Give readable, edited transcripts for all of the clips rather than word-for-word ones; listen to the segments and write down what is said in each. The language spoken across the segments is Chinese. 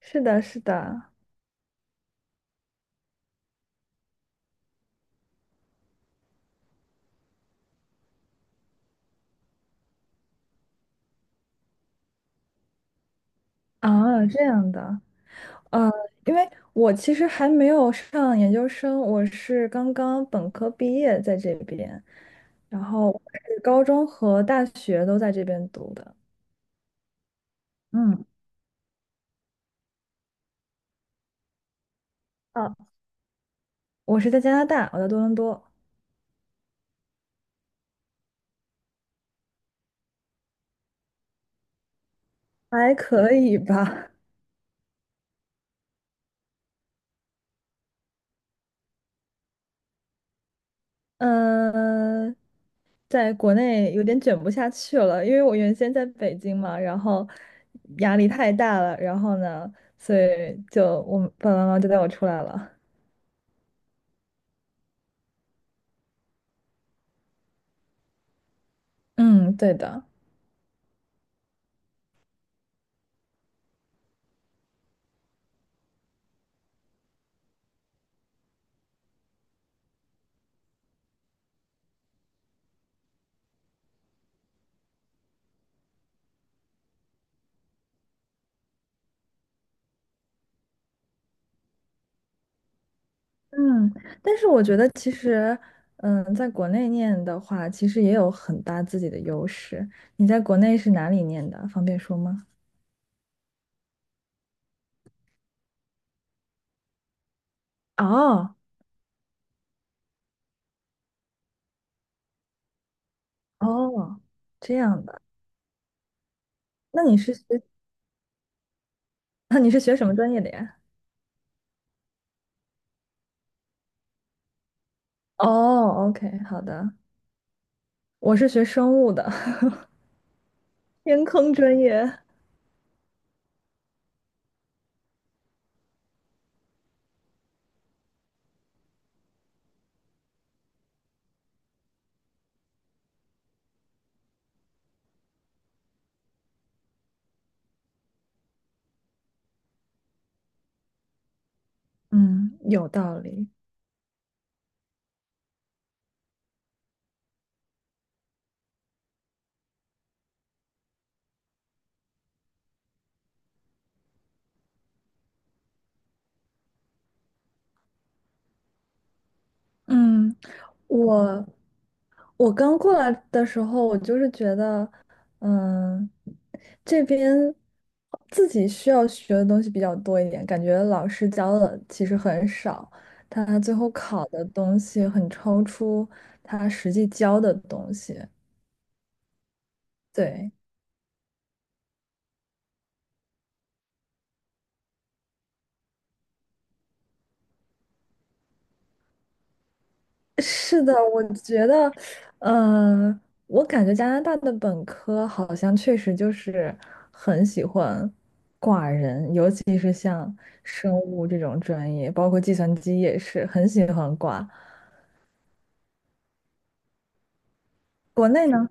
是的，是的，啊，这样的，呃，因为我其实还没有上研究生，我是刚刚本科毕业在这边，然后我是高中和大学都在这边读的。嗯，啊，我是在加拿大，我在多伦多，还可以吧。嗯、在国内有点卷不下去了，因为我原先在北京嘛，然后压力太大了，然后呢，所以就我爸爸妈妈就带我出来了。嗯，对的，嗯，但是我觉得其实，在国内念的话，其实也有很大自己的优势。你在国内是哪里念的？方便说吗？哦，哦，这样的，那你是学，那你是学什么专业的呀？哦，OK，好的，我是学生物的，天坑专业。嗯，有道理。嗯，我我刚过来的时候，我就是觉得，嗯，这边自己需要学的东西比较多一点，感觉老师教的其实很少，他最后考的东西很超出他实际教的东西。对。是的，我觉得，呃，我感觉加拿大的本科好像确实就是很喜欢挂人，尤其是像生物这种专业，包括计算机也是很喜欢挂。国内呢，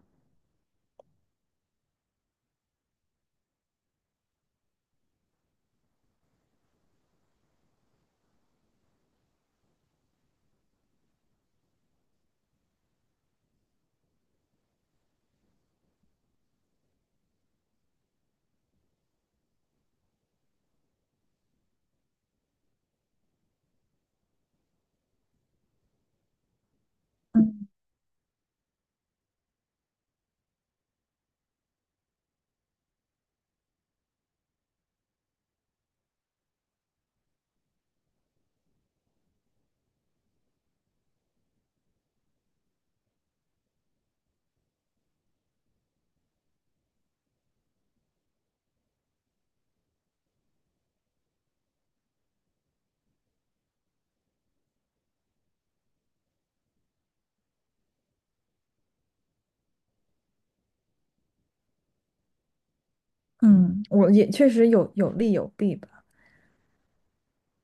嗯，我也确实有利有弊吧。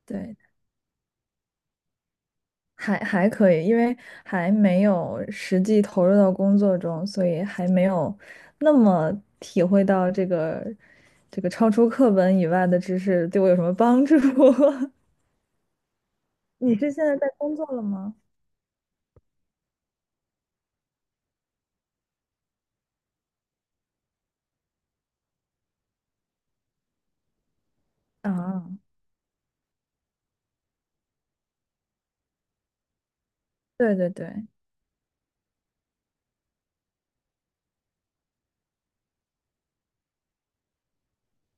对，还可以，因为还没有实际投入到工作中，所以还没有那么体会到这个超出课本以外的知识对我有什么帮助。你是现在在工作了吗？啊，对对对，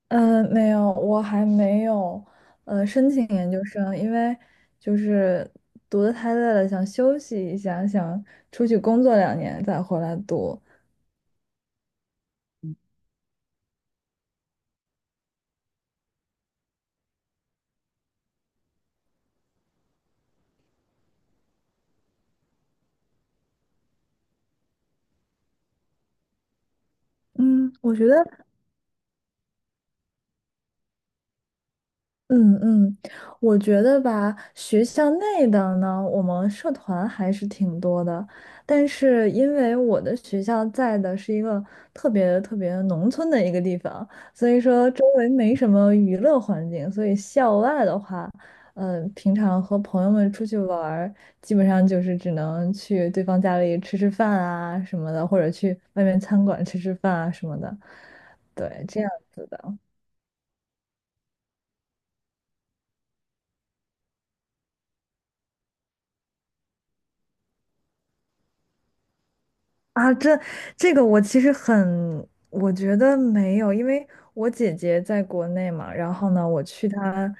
嗯，没有，我还没有申请研究生，因为就是读的太累了，想休息一下，想出去工作2年再回来读。嗯，我觉得。嗯嗯，我觉得吧，学校内的呢，我们社团还是挺多的，但是因为我的学校在的是一个特别特别农村的一个地方，所以说周围没什么娱乐环境，所以校外的话，平常和朋友们出去玩儿，基本上就是只能去对方家里吃吃饭啊什么的，或者去外面餐馆吃吃饭啊什么的，对，这样子的。啊，这个我其实很，我觉得没有，因为我姐姐在国内嘛，然后呢，我去她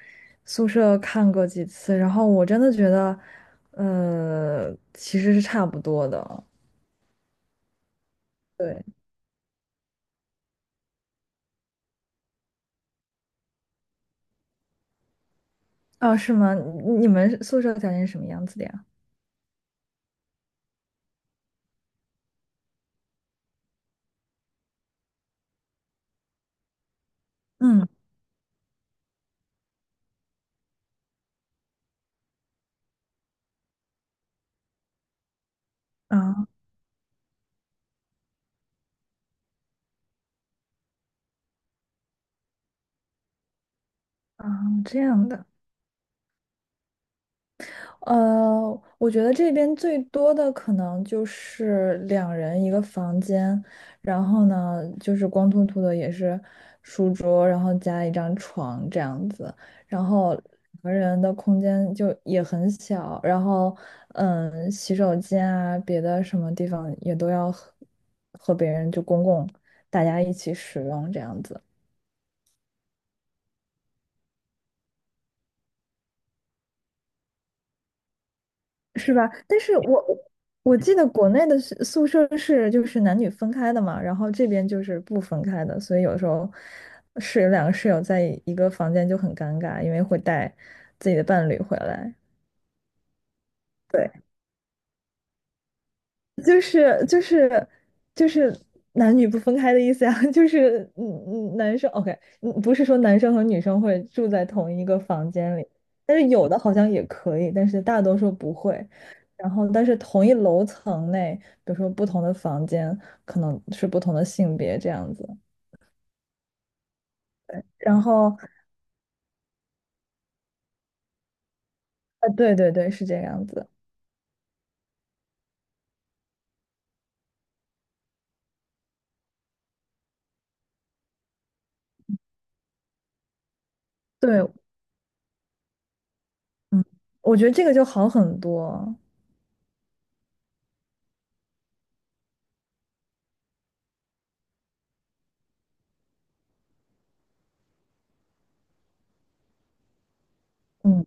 宿舍看过几次，然后我真的觉得，其实是差不多的。对，啊，是吗？你们宿舍条件是什么样子的呀？嗯，啊啊，这样的。我觉得这边最多的可能就是两人一个房间，然后呢，就是光秃秃的也是书桌，然后加一张床这样子，然后两个人的空间就也很小，然后洗手间啊，别的什么地方也都要和别人就公共大家一起使用这样子。是吧？但是我记得国内的宿舍是就是男女分开的嘛，然后这边就是不分开的，所以有时候两个室友在一个房间就很尴尬，因为会带自己的伴侣回来。对，就是就是就是男女不分开的意思呀，就是男生 OK，不是说男生和女生会住在同一个房间里，但是有的好像也可以，但是大多数不会。然后，但是同一楼层内，比如说不同的房间，可能是不同的性别这样子。然后，对对对，是这个样子。对，嗯，我觉得这个就好很多。嗯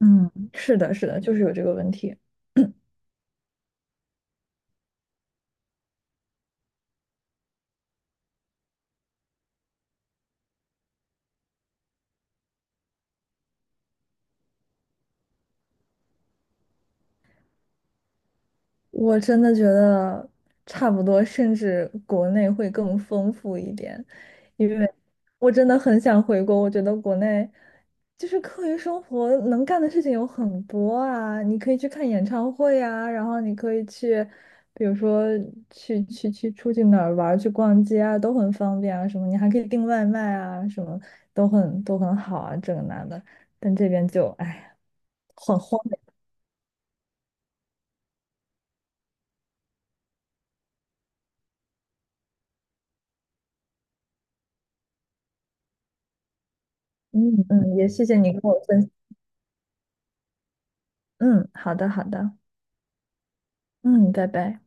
嗯，是的，是的，就是有这个问题。我真的觉得差不多，甚至国内会更丰富一点，因为我真的很想回国。我觉得国内就是课余生活能干的事情有很多啊，你可以去看演唱会啊，然后你可以去，比如说去去去出去哪儿玩儿，去逛街啊，都很方便啊，什么你还可以订外卖啊，什么都很好啊，这个那的。但这边就哎呀，很荒凉。嗯嗯，也谢谢你跟我分享。嗯，好的，好的，嗯，拜拜。